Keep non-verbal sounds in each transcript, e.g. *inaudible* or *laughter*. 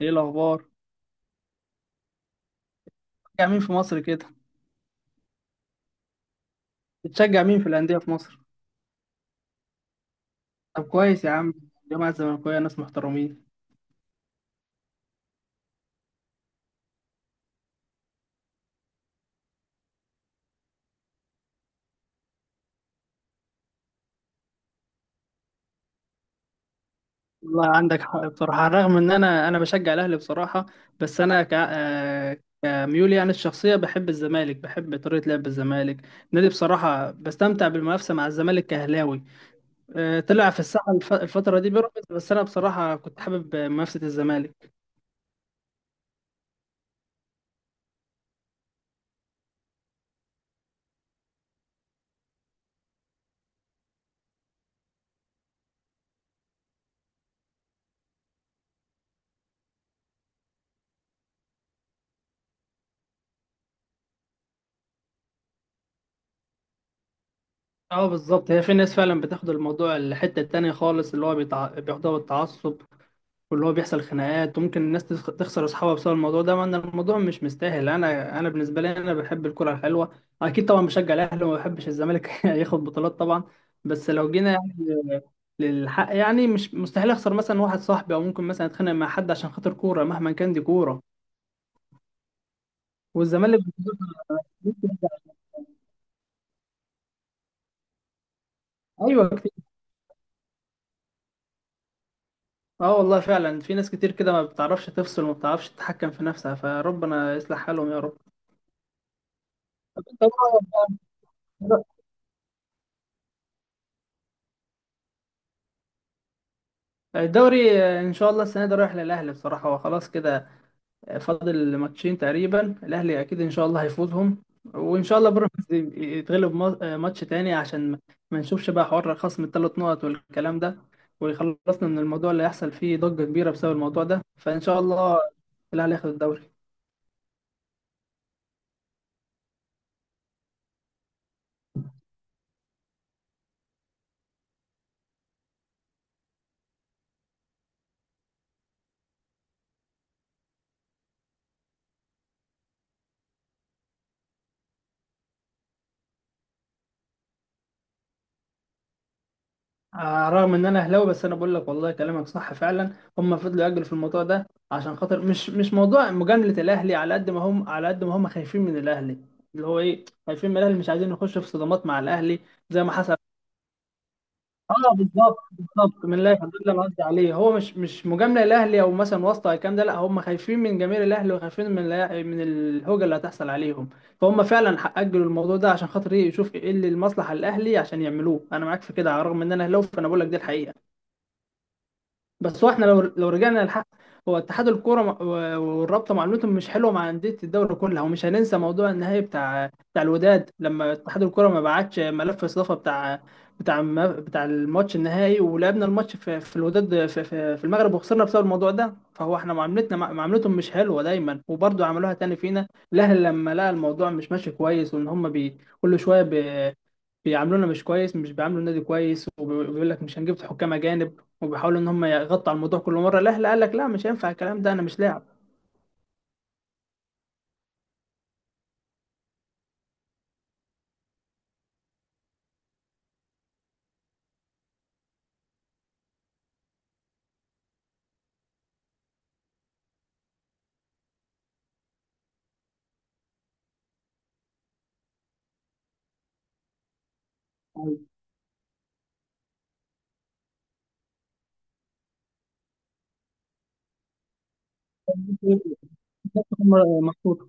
ايه الاخبار؟ بتشجع مين في مصر كده؟ بتشجع مين في الانديه في مصر؟ طب كويس يا عم. الجامعه الزمالكاويه ناس محترمين. والله عندك حق بصراحه، على الرغم ان انا بشجع الاهلي بصراحه. بس انا ك... آه، كميولي، يعني الشخصيه بحب الزمالك، بحب طريقه لعب الزمالك النادي. بصراحه بستمتع بالمنافسه مع الزمالك كهلاوي. طلع في الساحه الفتره دي بيراميدز، بس انا بصراحه كنت حابب منافسه الزمالك. اه، بالظبط، هي في ناس فعلا بتاخد الموضوع الحته التانيه خالص، اللي هو بياخدوها بالتعصب، واللي هو بيحصل خناقات، وممكن الناس تخسر اصحابها بسبب الموضوع ده، مع ان الموضوع مش مستاهل. انا بالنسبه لي انا بحب الكره الحلوه، اكيد طبعا بشجع الاهلي وما بحبش الزمالك *laughs* ياخد بطولات طبعا. بس لو جينا يعني للحق، يعني مش مستحيل اخسر مثلا واحد صاحبي، او ممكن مثلا اتخانق مع حد عشان خاطر كوره، مهما كان دي كوره. والزمالك *laughs* ايوه كتير. اه والله فعلا في ناس كتير كده ما بتعرفش تفصل وما بتعرفش تتحكم في نفسها، فربنا يصلح حالهم يا رب. طب انت بقى- الدوري، ان شاء الله السنه دي رايح للاهلي بصراحه، هو خلاص كده. فاضل ماتشين تقريبا، الاهلي اكيد ان شاء الله هيفوزهم، وان شاء الله بيراميدز يتغلب ماتش تاني، عشان ما نشوفش بقى حوار خصم الثلاث نقط والكلام ده، ويخلصنا من الموضوع اللي هيحصل فيه ضجه كبيره بسبب الموضوع ده. فان شاء الله الاهلي ياخد الدوري. رغم ان انا اهلاوي، بس انا بقول لك والله كلامك صح فعلا. هم فضلوا يأجلوا في الموضوع ده عشان خاطر مش موضوع مجاملة الاهلي، على قد ما هم على قد ما هم خايفين من الاهلي. اللي هو ايه، خايفين من الاهلي، مش عايزين نخش في صدمات مع الاهلي زي ما حصل. اه، بالظبط بالظبط، من الله يفضل اللي انا قصدي عليه، هو مش مجاملة الاهلي او مثلا واسطة أو الكلام ده، لا هم خايفين من جماهير الاهلي، وخايفين من من الهوجة اللي هتحصل عليهم. فهم فعلا اجلوا الموضوع ده عشان خاطر ايه، يشوف ايه اللي المصلحة الاهلي عشان يعملوه. انا معاك في كده، على الرغم ان انا اهلاوي، فانا بقول لك دي الحقيقة. بس هو احنا لو رجعنا للحق، هو اتحاد الكوره والرابطه معاملتهم مش حلوه مع انديه الدوري كلها، ومش هننسى موضوع النهائي بتاع الوداد لما اتحاد الكوره ما بعتش ملف استضافه بتاع الماتش النهائي، ولعبنا الماتش في الوداد، في المغرب، وخسرنا بسبب الموضوع ده. فهو احنا معاملتنا معاملتهم مش حلوه دايما، وبرضه عملوها تاني فينا. الاهلي لما لقى الموضوع مش ماشي كويس، وان هم بي كل شويه بيعاملونا مش كويس، مش بيعاملوا النادي كويس، وبيقول لك مش هنجيب حكام اجانب، وبيحاولوا ان هم يغطوا على الموضوع، كل مره الاهلي قال لك لا مش هينفع الكلام ده، انا مش لاعب. *laughs* أيوة. محطوط.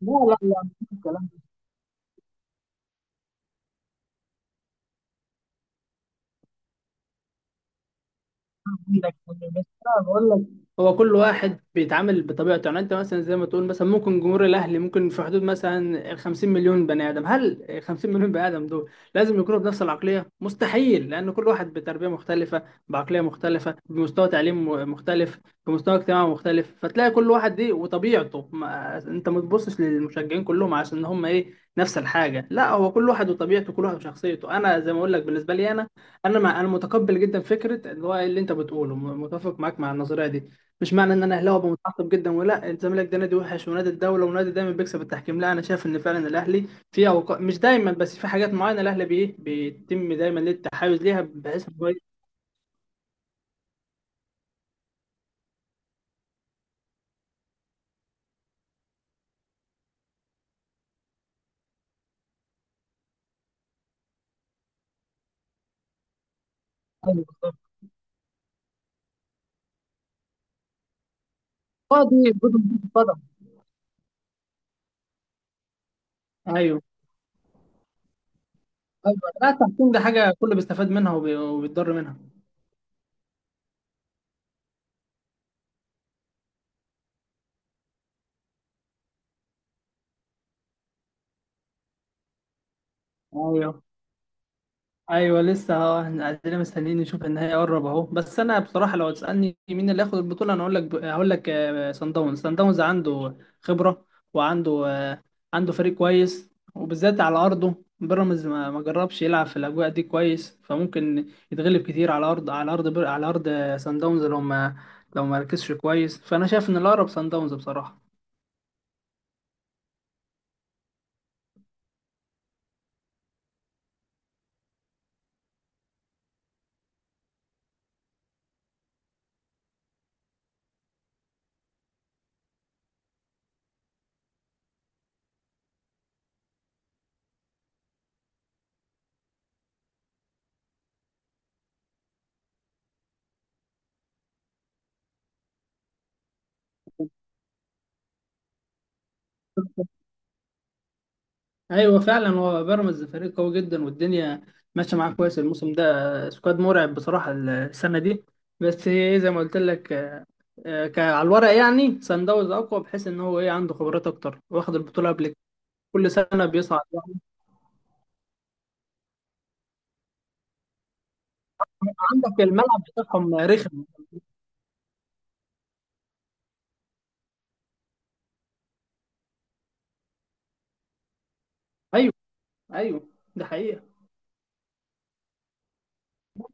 لا لا لا، مفيش الكلام. عندك بس، انا بقول لك هو كل واحد بيتعامل بطبيعته، يعني انت مثلا زي ما تقول مثلا، ممكن جمهور الاهلي ممكن في حدود مثلا ال 50 مليون بني ادم. هل ال 50 مليون بني ادم دول لازم يكونوا بنفس العقليه؟ مستحيل، لان كل واحد بتربيه مختلفه، بعقليه مختلفه، بمستوى تعليم مختلف، بمستوى اجتماعي مختلف. فتلاقي كل واحد دي وطبيعته، ما انت ما تبصش للمشجعين كلهم عشان هم ايه، نفس الحاجه. لا، هو كل واحد وطبيعته، كل واحد وشخصيته. انا زي ما اقول لك بالنسبه لي انا، انا مع انا متقبل جدا فكره اللي هو اللي انت بتقوله، متفق معاك مع النظريه دي. مش معنى ان انا اهلاوي أبقى متعصب جدا، ولا الزمالك ده نادي وحش ونادي الدوله ونادي دايما بيكسب التحكيم. لا، انا شايف ان فعلا الاهلي في أوقات، مش دايما بس في حاجات معينه، الاهلي بيه بيتم دايما ليه التحيز ليها، بحيث ان هو أيوة بالظبط. اه دي برضه بتتفضل. ايوه، ايوه، لا التحكيم ده حاجه كله بيستفاد منها وبيتضر منها. ايوه، ايوه، لسه اهو احنا قاعدين مستنيين نشوف النهائي قرب اهو. بس انا بصراحه لو تسالني مين اللي هياخد البطوله، انا اقول لك هقول لك، سان داونز عنده خبره، وعنده عنده فريق كويس، وبالذات على ارضه. بيراميدز ما جربش يلعب في الاجواء دي كويس، فممكن يتغلب كتير على ارض سان داونز، لو ما ركزش كويس، فانا شايف ان الاقرب سان داونز بصراحه. ايوه فعلا، هو بيراميدز فريق قوي جدا والدنيا ماشيه معاه كويس. الموسم ده سكواد مرعب بصراحه السنه دي. بس هي ايه، زي ما قلت لك، على الورق يعني سان داونز اقوى، بحيث ان هو ايه عنده خبرات اكتر واخد البطوله قبل كده. كل سنه بيصعد يعني. عندك الملعب بتاعهم رخم. ايوه، ايوه، ده حقيقه.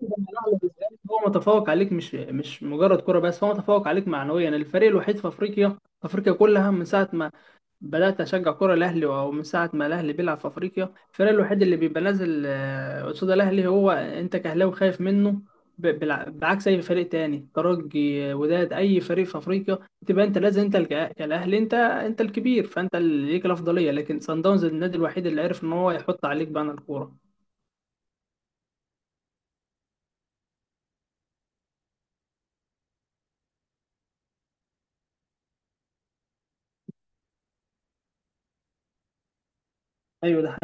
الأهلي بالذات هو متفوق عليك، مش مجرد كره بس هو متفوق عليك معنويا. الفريق الوحيد في افريقيا، في افريقيا كلها، من ساعه ما بدأت أشجع كرة الأهلي، ومن ساعة ما الأهلي بيلعب في أفريقيا، الفريق الوحيد اللي بيبقى نازل قصاد الأهلي، هو أنت كأهلاوي خايف منه، بعكس أي فريق تاني، ترجي، وداد، أي فريق في أفريقيا تبقى أنت لازم، أنت كالأهلي، أنت أنت الكبير، فأنت اللي ليك الأفضلية. لكن صن داونز النادي الوحيد اللي عرف إن هو يحط عليك بان الكورة. أيوه ده.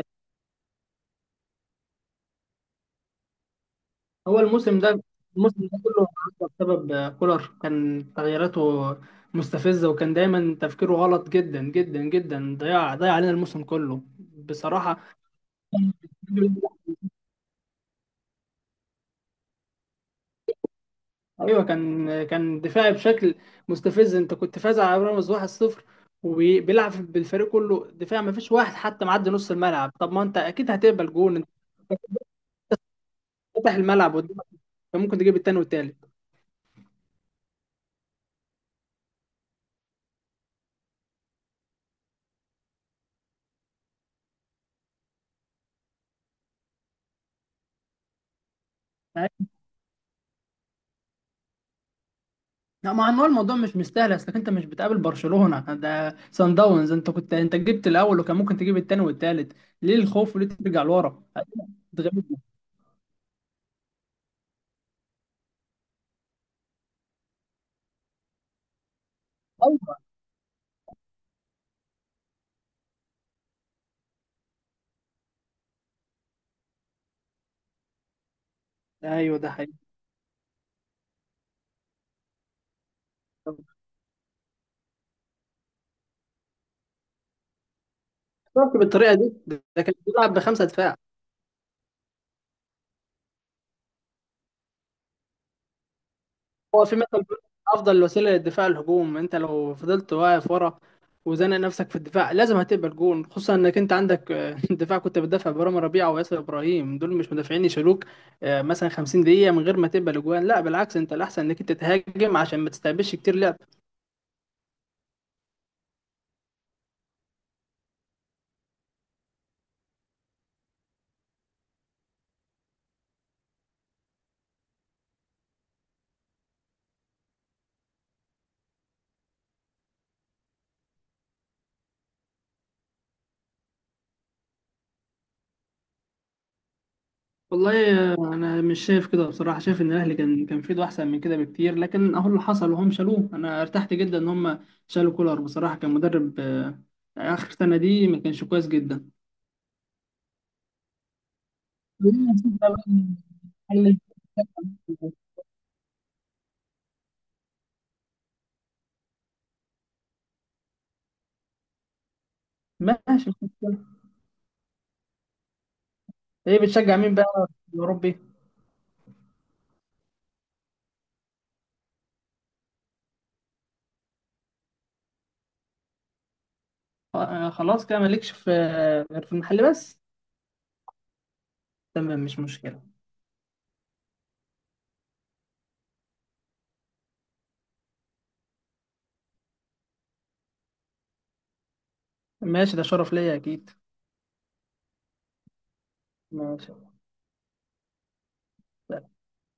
هو الموسم ده كله عدى بسبب كولر، كان تغييراته مستفزة، وكان دايما تفكيره غلط جدا جدا جدا، ضيع علينا الموسم كله بصراحة. *laughs* ايوه، كان دفاعي بشكل مستفز. انت كنت فاز على بيراميدز 1-0، وبيلعب بالفريق كله دفاع، ما فيش واحد حتى معدي نص الملعب. طب ما انت اكيد هتقبل جون، انت فاتح الملعب قدامك، كان ممكن تجيب التاني والتالت. لا، ما هو الموضوع مش مستاهل، اصلك انت مش بتقابل برشلونة، ده سان داونز. انت جبت الاول، وكان ممكن تجيب التاني والتالت. ليه الخوف وليه ترجع لورا تتغلب؟ ايوه، ايوه، ده حقيقي. طب خسرت بالطريقه دي، ده كان بيلعب بخمسه دفاع. هو في مثل بيقول افضل وسيله للدفاع الهجوم. انت لو فضلت واقف ورا، وزنق نفسك في الدفاع، لازم هتقبل جون، خصوصا انك انت عندك *laughs* دفاع، كنت بتدافع برامي ربيعه وياسر ابراهيم، دول مش مدافعين يشيلوك مثلا 50 دقيقه من غير ما تقبل اجوان. لا بالعكس، انت الاحسن انك انت تهاجم عشان ما تستقبلش كتير لعب. والله، انا مش شايف كده بصراحه، شايف ان الاهلي كان في ايده احسن من كده بكتير. لكن اهو اللي حصل وهم شالوه، انا ارتحت جدا ان هم شالوا كولر بصراحه، كان مدرب اخر سنه دي ما كانش كويس جدا. خلينا نشوف بقى مين. هل اللي بتشجع- ماشي، مش مشكلة. ايه بتشجع مين بقى في الأوروبي؟ خلاص كده مالكش في غير في المحل بس؟ تمام، مش مشكلة. ماشي، ده شرف ليا أكيد. ماشي.